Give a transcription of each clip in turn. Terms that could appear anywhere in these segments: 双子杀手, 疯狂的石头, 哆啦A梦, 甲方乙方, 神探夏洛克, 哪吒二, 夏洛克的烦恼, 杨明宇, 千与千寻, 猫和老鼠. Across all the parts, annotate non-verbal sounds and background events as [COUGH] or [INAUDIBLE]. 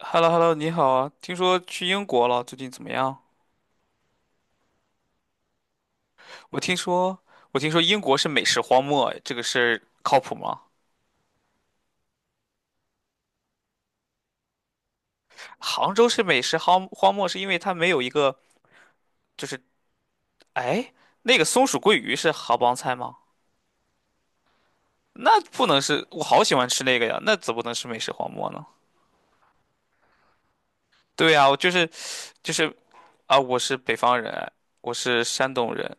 h e l l o h e l l o 你好啊！听说去英国了，最近怎么样？我听说，我听说英国是美食荒漠，这个事儿靠谱吗？杭州是美食荒漠，是因为它没有一个，就是，哎，那个松鼠桂鱼是杭帮菜吗？那不能是，我好喜欢吃那个呀，那怎么能是美食荒漠呢？对呀，我就是，就是啊，我是北方人，哎我是山东人，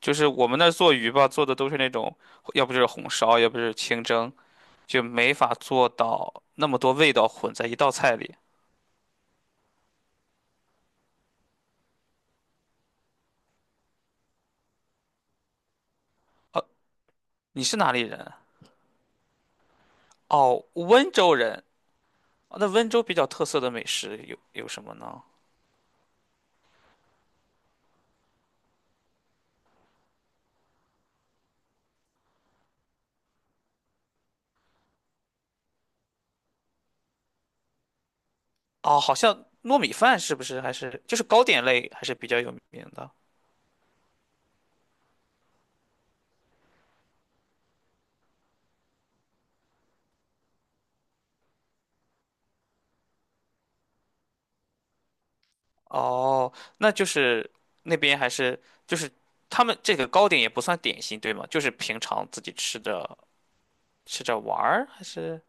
就是我们那儿做鱼吧，做的都是那种，要不就是红烧，要不就是清蒸。就没法做到那么多味道混在一道菜里。你是哪里人啊哦，温州人。哦那温州比较特色的美食有什么呢？哦，好像糯米饭是不是还是就是糕点类还是比较有名的？哦，那就是那边还是就是他们这个糕点也不算点心，对吗？就是平常自己吃着吃着玩儿还是？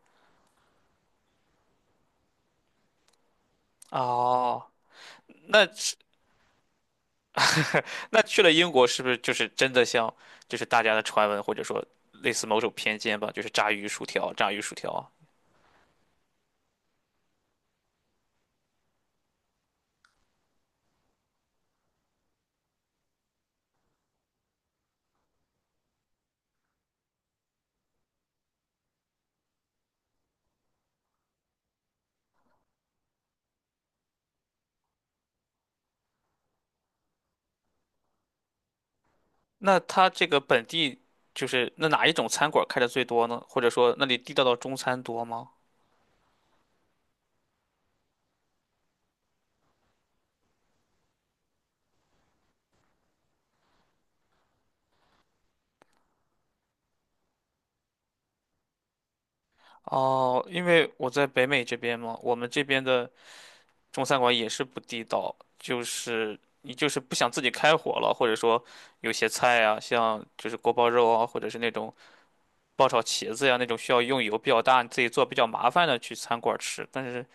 哦，那 [LAUGHS] 那去了英国，是不是就是真的像，就是大家的传闻，或者说类似某种偏见吧，就是炸鱼薯条，炸鱼薯条啊？那它这个本地就是那哪一种餐馆开的最多呢？或者说那里地道的中餐多吗？哦，因为我在北美这边嘛，我们这边的中餐馆也是不地道，就是你就是不想自己开火了，或者说有些菜啊，像就是锅包肉啊，或者是那种爆炒茄子呀那种需要用油比较大、你自己做比较麻烦的去餐馆吃，但是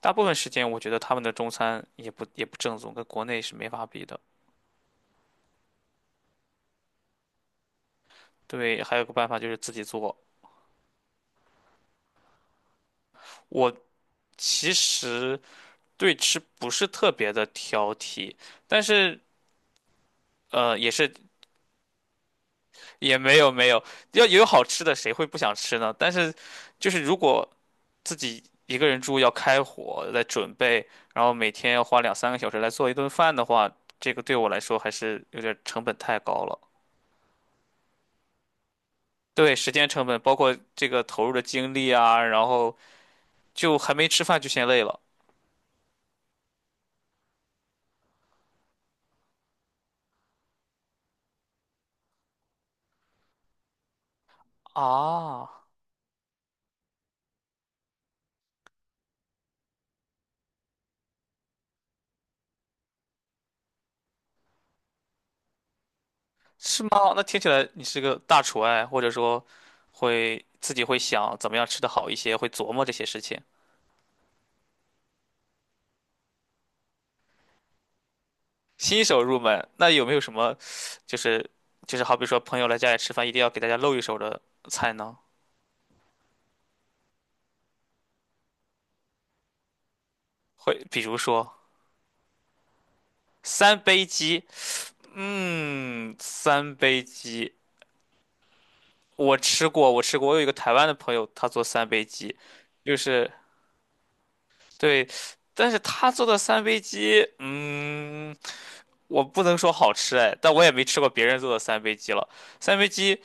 大部分时间我觉得他们的中餐也不正宗，跟国内是没法比的。对，还有个办法就是自己做。我其实对吃不是特别的挑剔，但是也是也没有要有好吃的谁会不想吃呢？但是就是如果自己一个人住要开火，来准备，然后每天要花2、3个小时来做一顿饭的话，这个对我来说还是有点成本太高了。对，时间成本，包括这个投入的精力啊，然后就还没吃饭就先累了啊，是吗？那听起来你是个大厨哎，或者说会自己会想怎么样吃的好一些，会琢磨这些事情。新手入门，那有没有什么就是就是好比说朋友来家里吃饭，一定要给大家露一手的菜呢？会，比如说三杯鸡，嗯，三杯鸡，我吃过，我吃过，我有一个台湾的朋友，他做三杯鸡，就是对，但是他做的三杯鸡，嗯，我不能说好吃哎，但我也没吃过别人做的三杯鸡了。三杯鸡，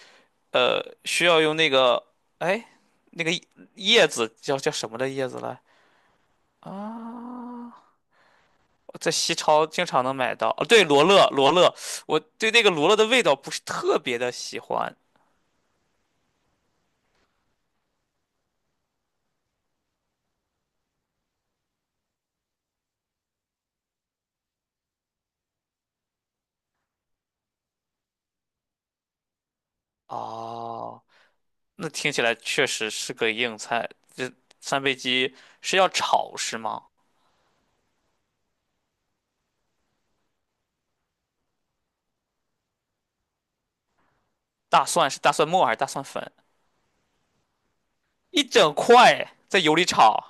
需要用那个，哎，那个叶子叫什么的叶子来啊？在西超经常能买到。哦，对，罗勒，罗勒，我对那个罗勒的味道不是特别的喜欢。哦，那听起来确实是个硬菜。这三杯鸡是要炒是吗？大蒜是大蒜末还是大蒜粉？一整块在油里炒，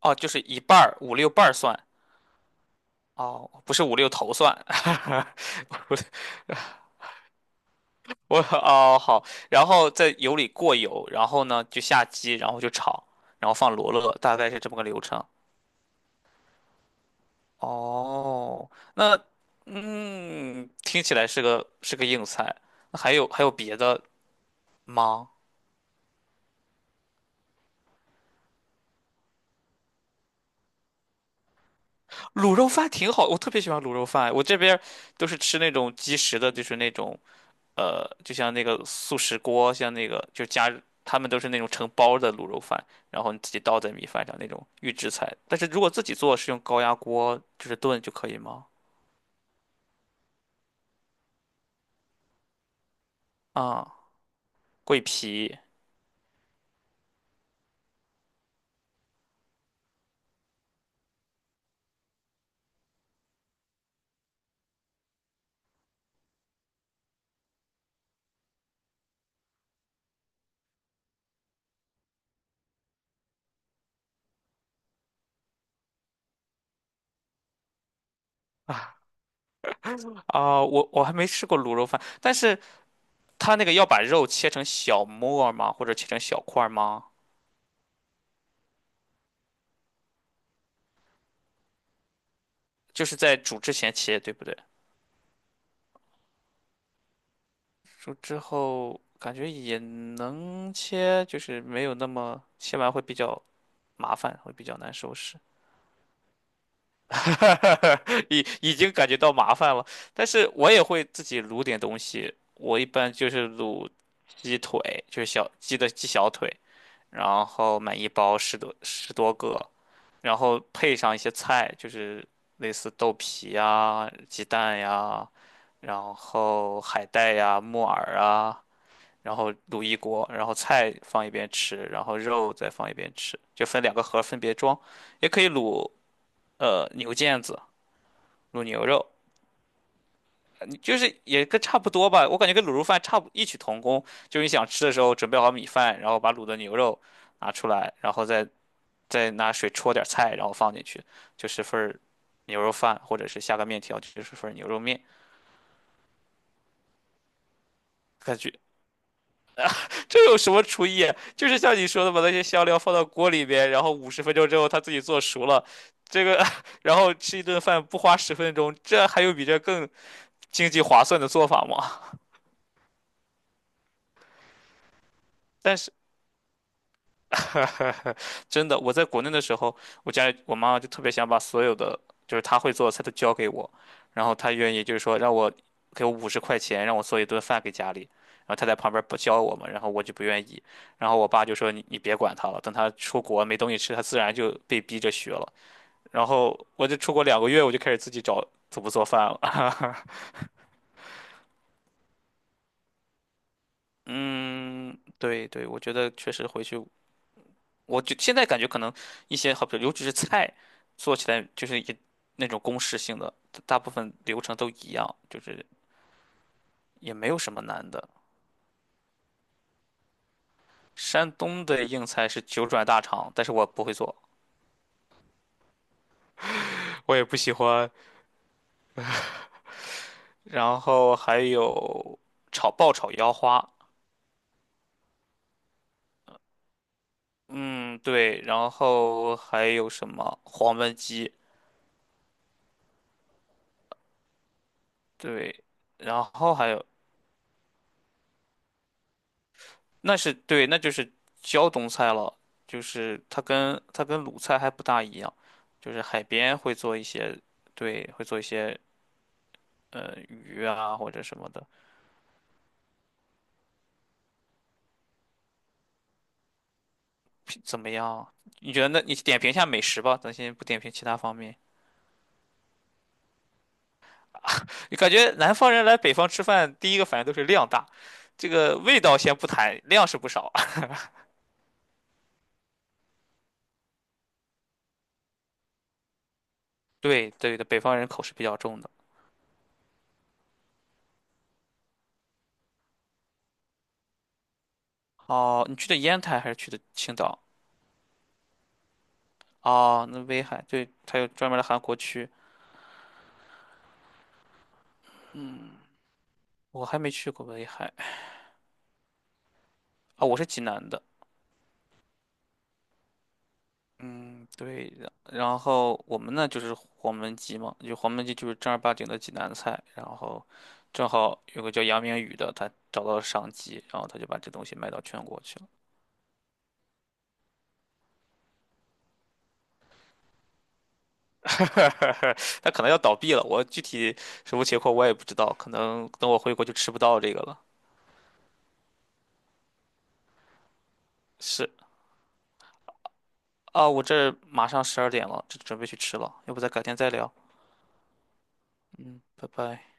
哦，就是一半儿五六瓣儿蒜，哦，不是五六头蒜，[LAUGHS] 不是我哦好，然后在油里过油，然后呢就下鸡，然后就炒，然后放罗勒，大概是这么个流程。哦，那嗯，听起来是个硬菜。那还有别的吗？卤肉饭挺好，我特别喜欢卤肉饭。我这边儿都是吃那种即食的，就是那种就像那个速食锅，像那个就加，他们都是那种成包的卤肉饭，然后你自己倒在米饭上那种预制菜。但是如果自己做，是用高压锅就是炖就可以吗？啊、桂皮啊、我还没吃过卤肉饭，但是。他那个要把肉切成小末儿吗？或者切成小块儿吗？就是在煮之前切，对不对？煮之后感觉也能切，就是没有那么切完会比较麻烦，会比较难收拾。[LAUGHS] 已经感觉到麻烦了，但是我也会自己卤点东西。我一般就是卤鸡腿，就是小鸡的鸡小腿，然后买一包十多个，然后配上一些菜，就是类似豆皮呀、鸡蛋呀，然后海带呀、木耳啊，然后卤一锅，然后菜放一边吃，然后肉再放一边吃，就分2个盒儿分别装，也可以卤牛腱子。卤牛肉，你就是也跟差不多吧，我感觉跟卤肉饭差不异曲同工。就是你想吃的时候，准备好米饭，然后把卤的牛肉拿出来，然后再拿水焯点菜，然后放进去，就是份儿牛肉饭，或者是下个面条，就是份儿牛肉面。感觉这有什么厨艺啊就是像你说的，把那些香料放到锅里边，然后50分钟之后它自己做熟了，这个 [LAUGHS] 然后吃一顿饭不花10分钟，这还有比这更经济划算的做法吗？但是。[LAUGHS] 真的，我在国内的时候，我家里我妈妈就特别想把所有的就是她会做的菜都教给我，然后她愿意就是说让我给我50块钱让我做一顿饭给家里，然后她在旁边不教我嘛，然后我就不愿意，然后我爸就说你别管他了，等他出国没东西吃，他自然就被逼着学了。然后我就出国2个月，我就开始自己找怎么做饭了。[LAUGHS] 嗯，对对，我觉得确实回去。我就现在感觉可能一些好比如尤其是菜做起来就是也那种公式性的，大部分流程都一样，就是也没有什么难的。山东的硬菜是九转大肠，但是我不会做，我也不喜欢。然后还有炒爆炒腰花，嗯对，然后还有什么黄焖鸡，对，然后还有那是对，那就是胶东菜了，就是它跟鲁菜还不大一样，就是海边会做一些，对，会做一些鱼啊或者什么的，怎么样？你觉得那你点评一下美食吧，咱先不点评其他方面。你感觉南方人来北方吃饭，第一个反应都是量大，这个味道先不谈，量是不少。[LAUGHS] 对对的，北方人口是比较重的。哦，你去的烟台还是去的青岛？哦，那威海，对，它有专门的韩国区，我还没去过威海。啊，我是济南的，嗯，对的。然后我们呢就是黄焖鸡嘛，就黄焖鸡就是正儿八经的济南菜。然后正好有个叫杨明宇的，他找到了商机，然后他就把这东西卖到全国去了。[LAUGHS] 他可能要倒闭了，我具体什么情况我也不知道，可能等我回国就吃不到这个了。是啊，我这儿马上12点了，这准备去吃了，要不咱改天再聊？嗯，拜拜。